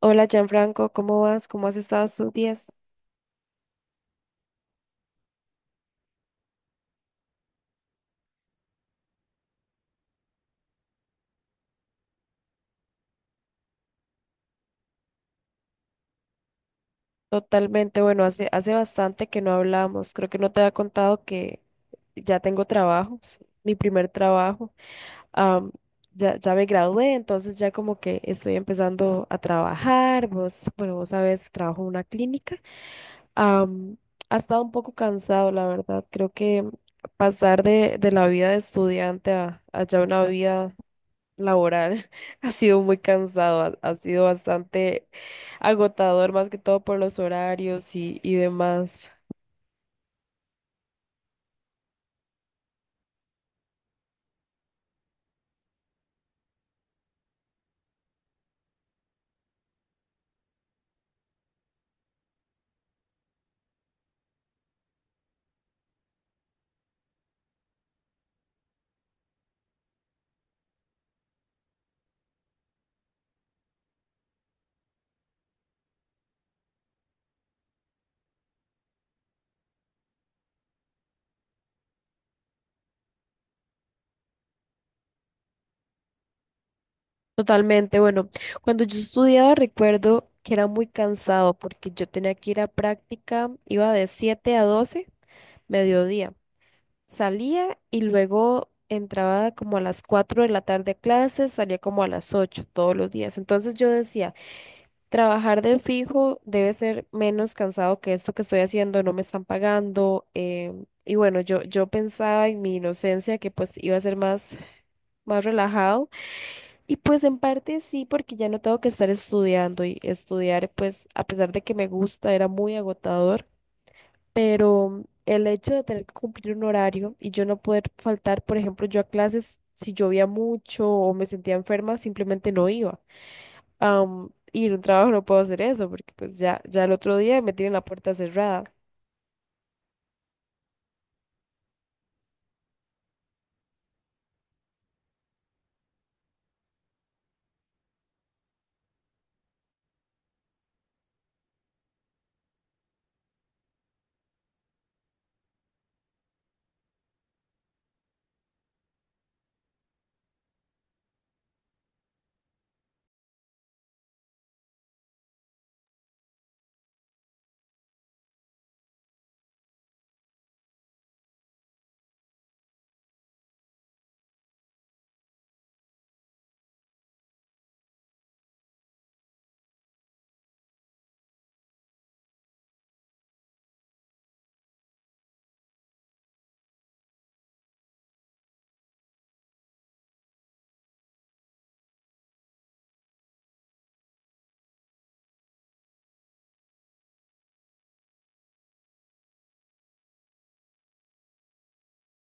Hola Gianfranco, ¿cómo vas? ¿Cómo has estado estos días? Totalmente, bueno, hace bastante que no hablamos. Creo que no te había contado que ya tengo trabajo, es mi primer trabajo. Am, ya me gradué, entonces ya como que estoy empezando a trabajar. Vos, bueno, vos sabes, trabajo en una clínica. Am, ha estado un poco cansado, la verdad. Creo que pasar de la vida de estudiante a ya una vida laboral ha sido muy cansado, ha sido bastante agotador, más que todo por los horarios y demás. Totalmente, bueno, cuando yo estudiaba recuerdo que era muy cansado porque yo tenía que ir a práctica, iba de 7 a 12 mediodía. Salía y luego entraba como a las 4 de la tarde a clases, salía como a las 8 todos los días. Entonces yo decía, trabajar del fijo debe ser menos cansado que esto que estoy haciendo, no me están pagando. Y bueno, yo pensaba en mi inocencia que pues iba a ser más, más relajado. Y pues en parte sí, porque ya no tengo que estar estudiando y estudiar pues a pesar de que me gusta, era muy agotador. Pero el hecho de tener que cumplir un horario y yo no poder faltar, por ejemplo, yo a clases, si llovía mucho o me sentía enferma, simplemente no iba, y en un trabajo no puedo hacer eso porque pues ya, ya el otro día me tienen la puerta cerrada.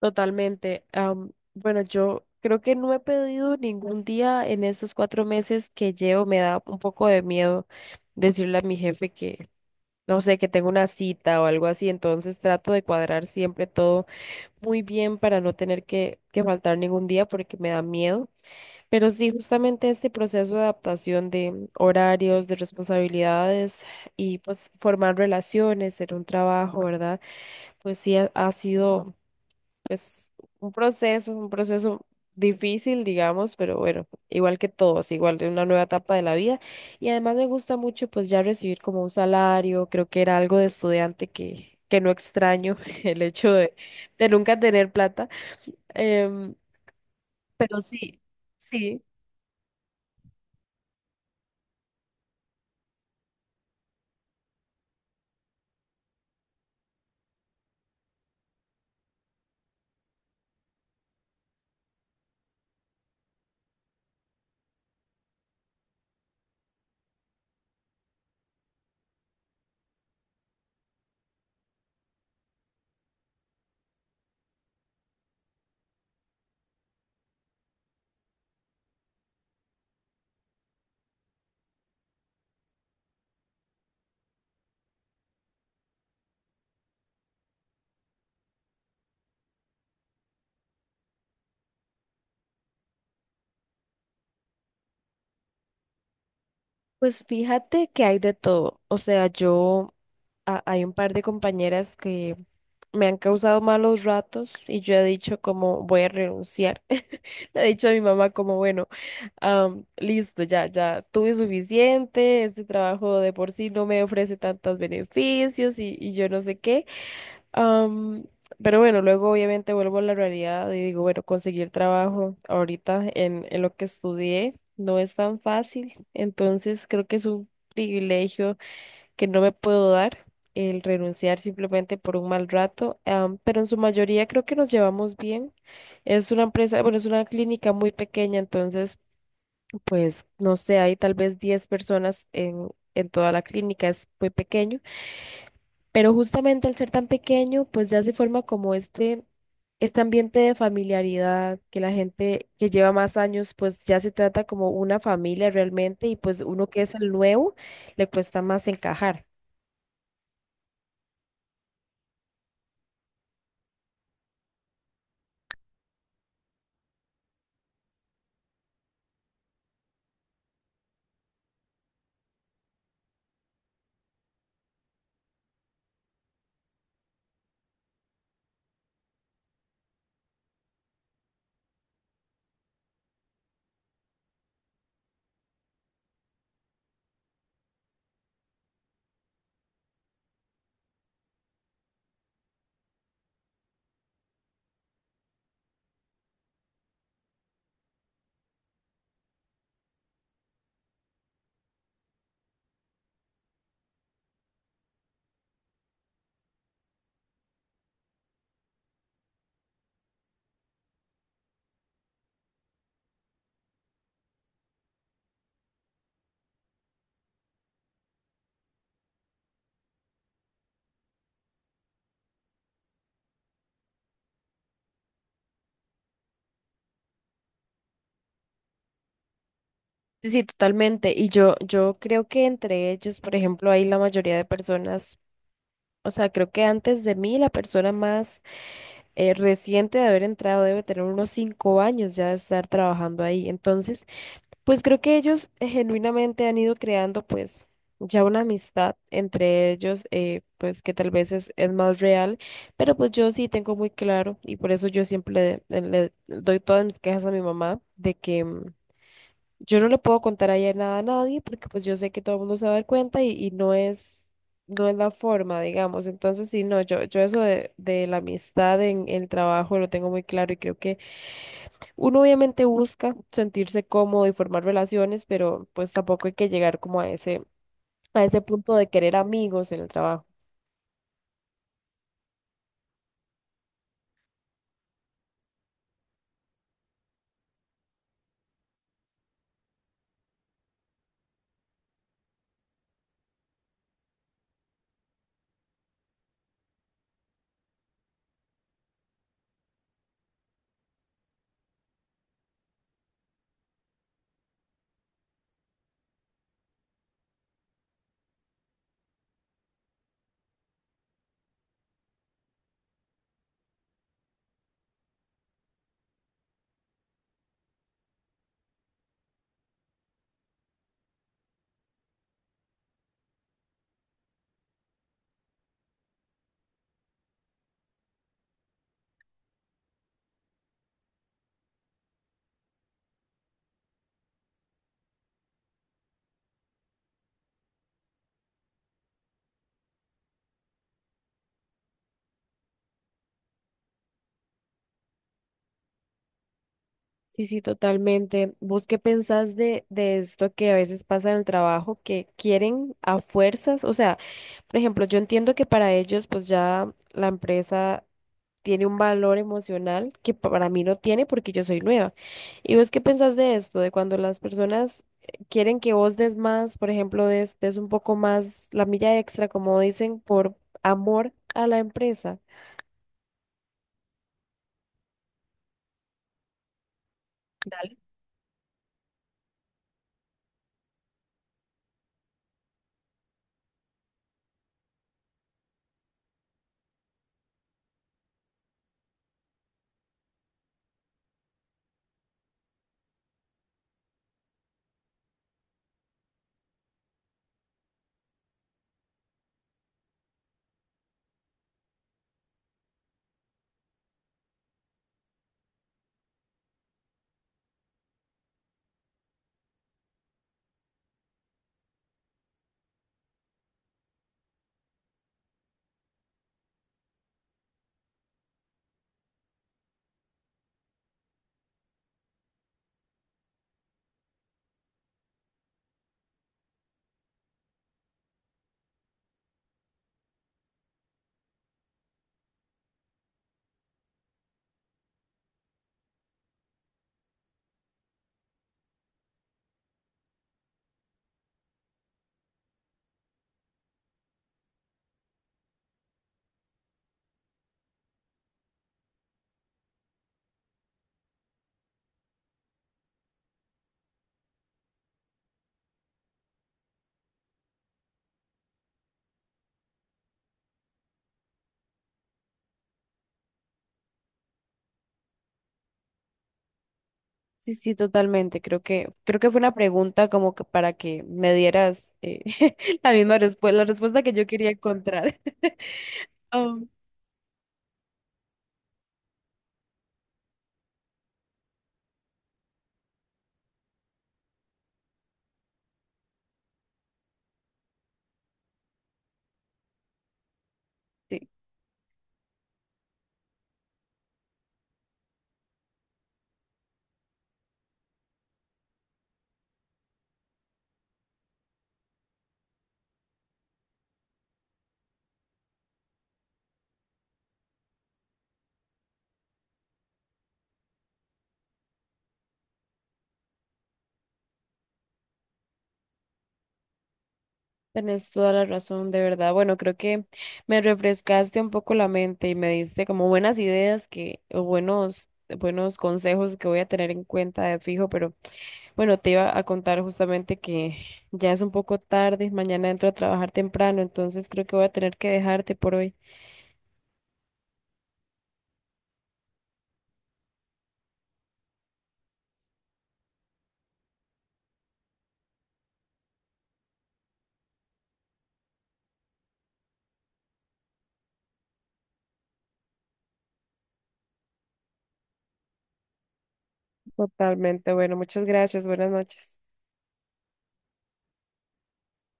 Totalmente. Bueno, yo creo que no he pedido ningún día en estos 4 meses que llevo. Me da un poco de miedo decirle a mi jefe que, no sé, que tengo una cita o algo así. Entonces trato de cuadrar siempre todo muy bien para no tener que faltar ningún día porque me da miedo. Pero sí, justamente este proceso de adaptación de horarios, de responsabilidades y pues formar relaciones en un trabajo, ¿verdad? Pues sí ha sido pues un proceso difícil, digamos, pero bueno, igual que todos, igual de una nueva etapa de la vida. Y además me gusta mucho pues ya recibir como un salario, creo que era algo de estudiante que no extraño el hecho de nunca tener plata. Em, pero sí, sí. Pues fíjate que hay de todo. O sea, hay un par de compañeras que me han causado malos ratos y yo he dicho como voy a renunciar. Le he dicho a mi mamá como, bueno, listo, ya tuve suficiente, este trabajo de por sí no me ofrece tantos beneficios y yo no sé qué. Am, pero bueno, luego obviamente vuelvo a la realidad y digo, bueno, conseguir trabajo ahorita en lo que estudié no es tan fácil, entonces creo que es un privilegio que no me puedo dar el renunciar simplemente por un mal rato. Pero en su mayoría creo que nos llevamos bien. Es una empresa, bueno, es una clínica muy pequeña, entonces, pues, no sé, hay tal vez 10 personas en toda la clínica, es muy pequeño. Pero justamente al ser tan pequeño, pues ya se forma como este ambiente de familiaridad, que la gente que lleva más años, pues ya se trata como una familia realmente, y pues uno que es el nuevo, le cuesta más encajar. Sí, sí, totalmente. Y yo creo que entre ellos, por ejemplo, hay la mayoría de personas, o sea, creo que antes de mí, la persona más reciente de haber entrado debe tener unos 5 años ya de estar trabajando ahí. Entonces, pues creo que ellos genuinamente han ido creando pues ya una amistad entre ellos, pues que tal vez es más real, pero pues yo sí tengo muy claro y por eso yo siempre le doy todas mis quejas a mi mamá de que yo no le puedo contar a ella nada a nadie porque pues yo sé que todo el mundo se va a dar cuenta y no es, no es la forma, digamos. Entonces sí, no, yo eso de la amistad en el trabajo lo tengo muy claro y creo que uno obviamente busca sentirse cómodo y formar relaciones, pero pues tampoco hay que llegar como a ese punto de querer amigos en el trabajo. Sí, sí, totalmente. ¿Vos qué pensás de esto que a veces pasa en el trabajo, que quieren a fuerzas? O sea, por ejemplo, yo entiendo que para ellos pues ya la empresa tiene un valor emocional que para mí no tiene porque yo soy nueva. ¿Y vos qué pensás de esto? De cuando las personas quieren que vos des más, por ejemplo, des un poco más la milla extra, como dicen, por amor a la empresa. Dale. Sí, sí, totalmente. Creo que fue una pregunta como que para que me dieras la misma respuesta, la respuesta que yo quería encontrar. Um, sí. Tenés toda la razón, de verdad. Bueno, creo que me refrescaste un poco la mente y me diste como buenas ideas que, o buenos, buenos consejos que voy a tener en cuenta de fijo, pero bueno, te iba a contar justamente que ya es un poco tarde, mañana entro a trabajar temprano, entonces creo que voy a tener que dejarte por hoy. Totalmente, bueno, muchas gracias, buenas noches.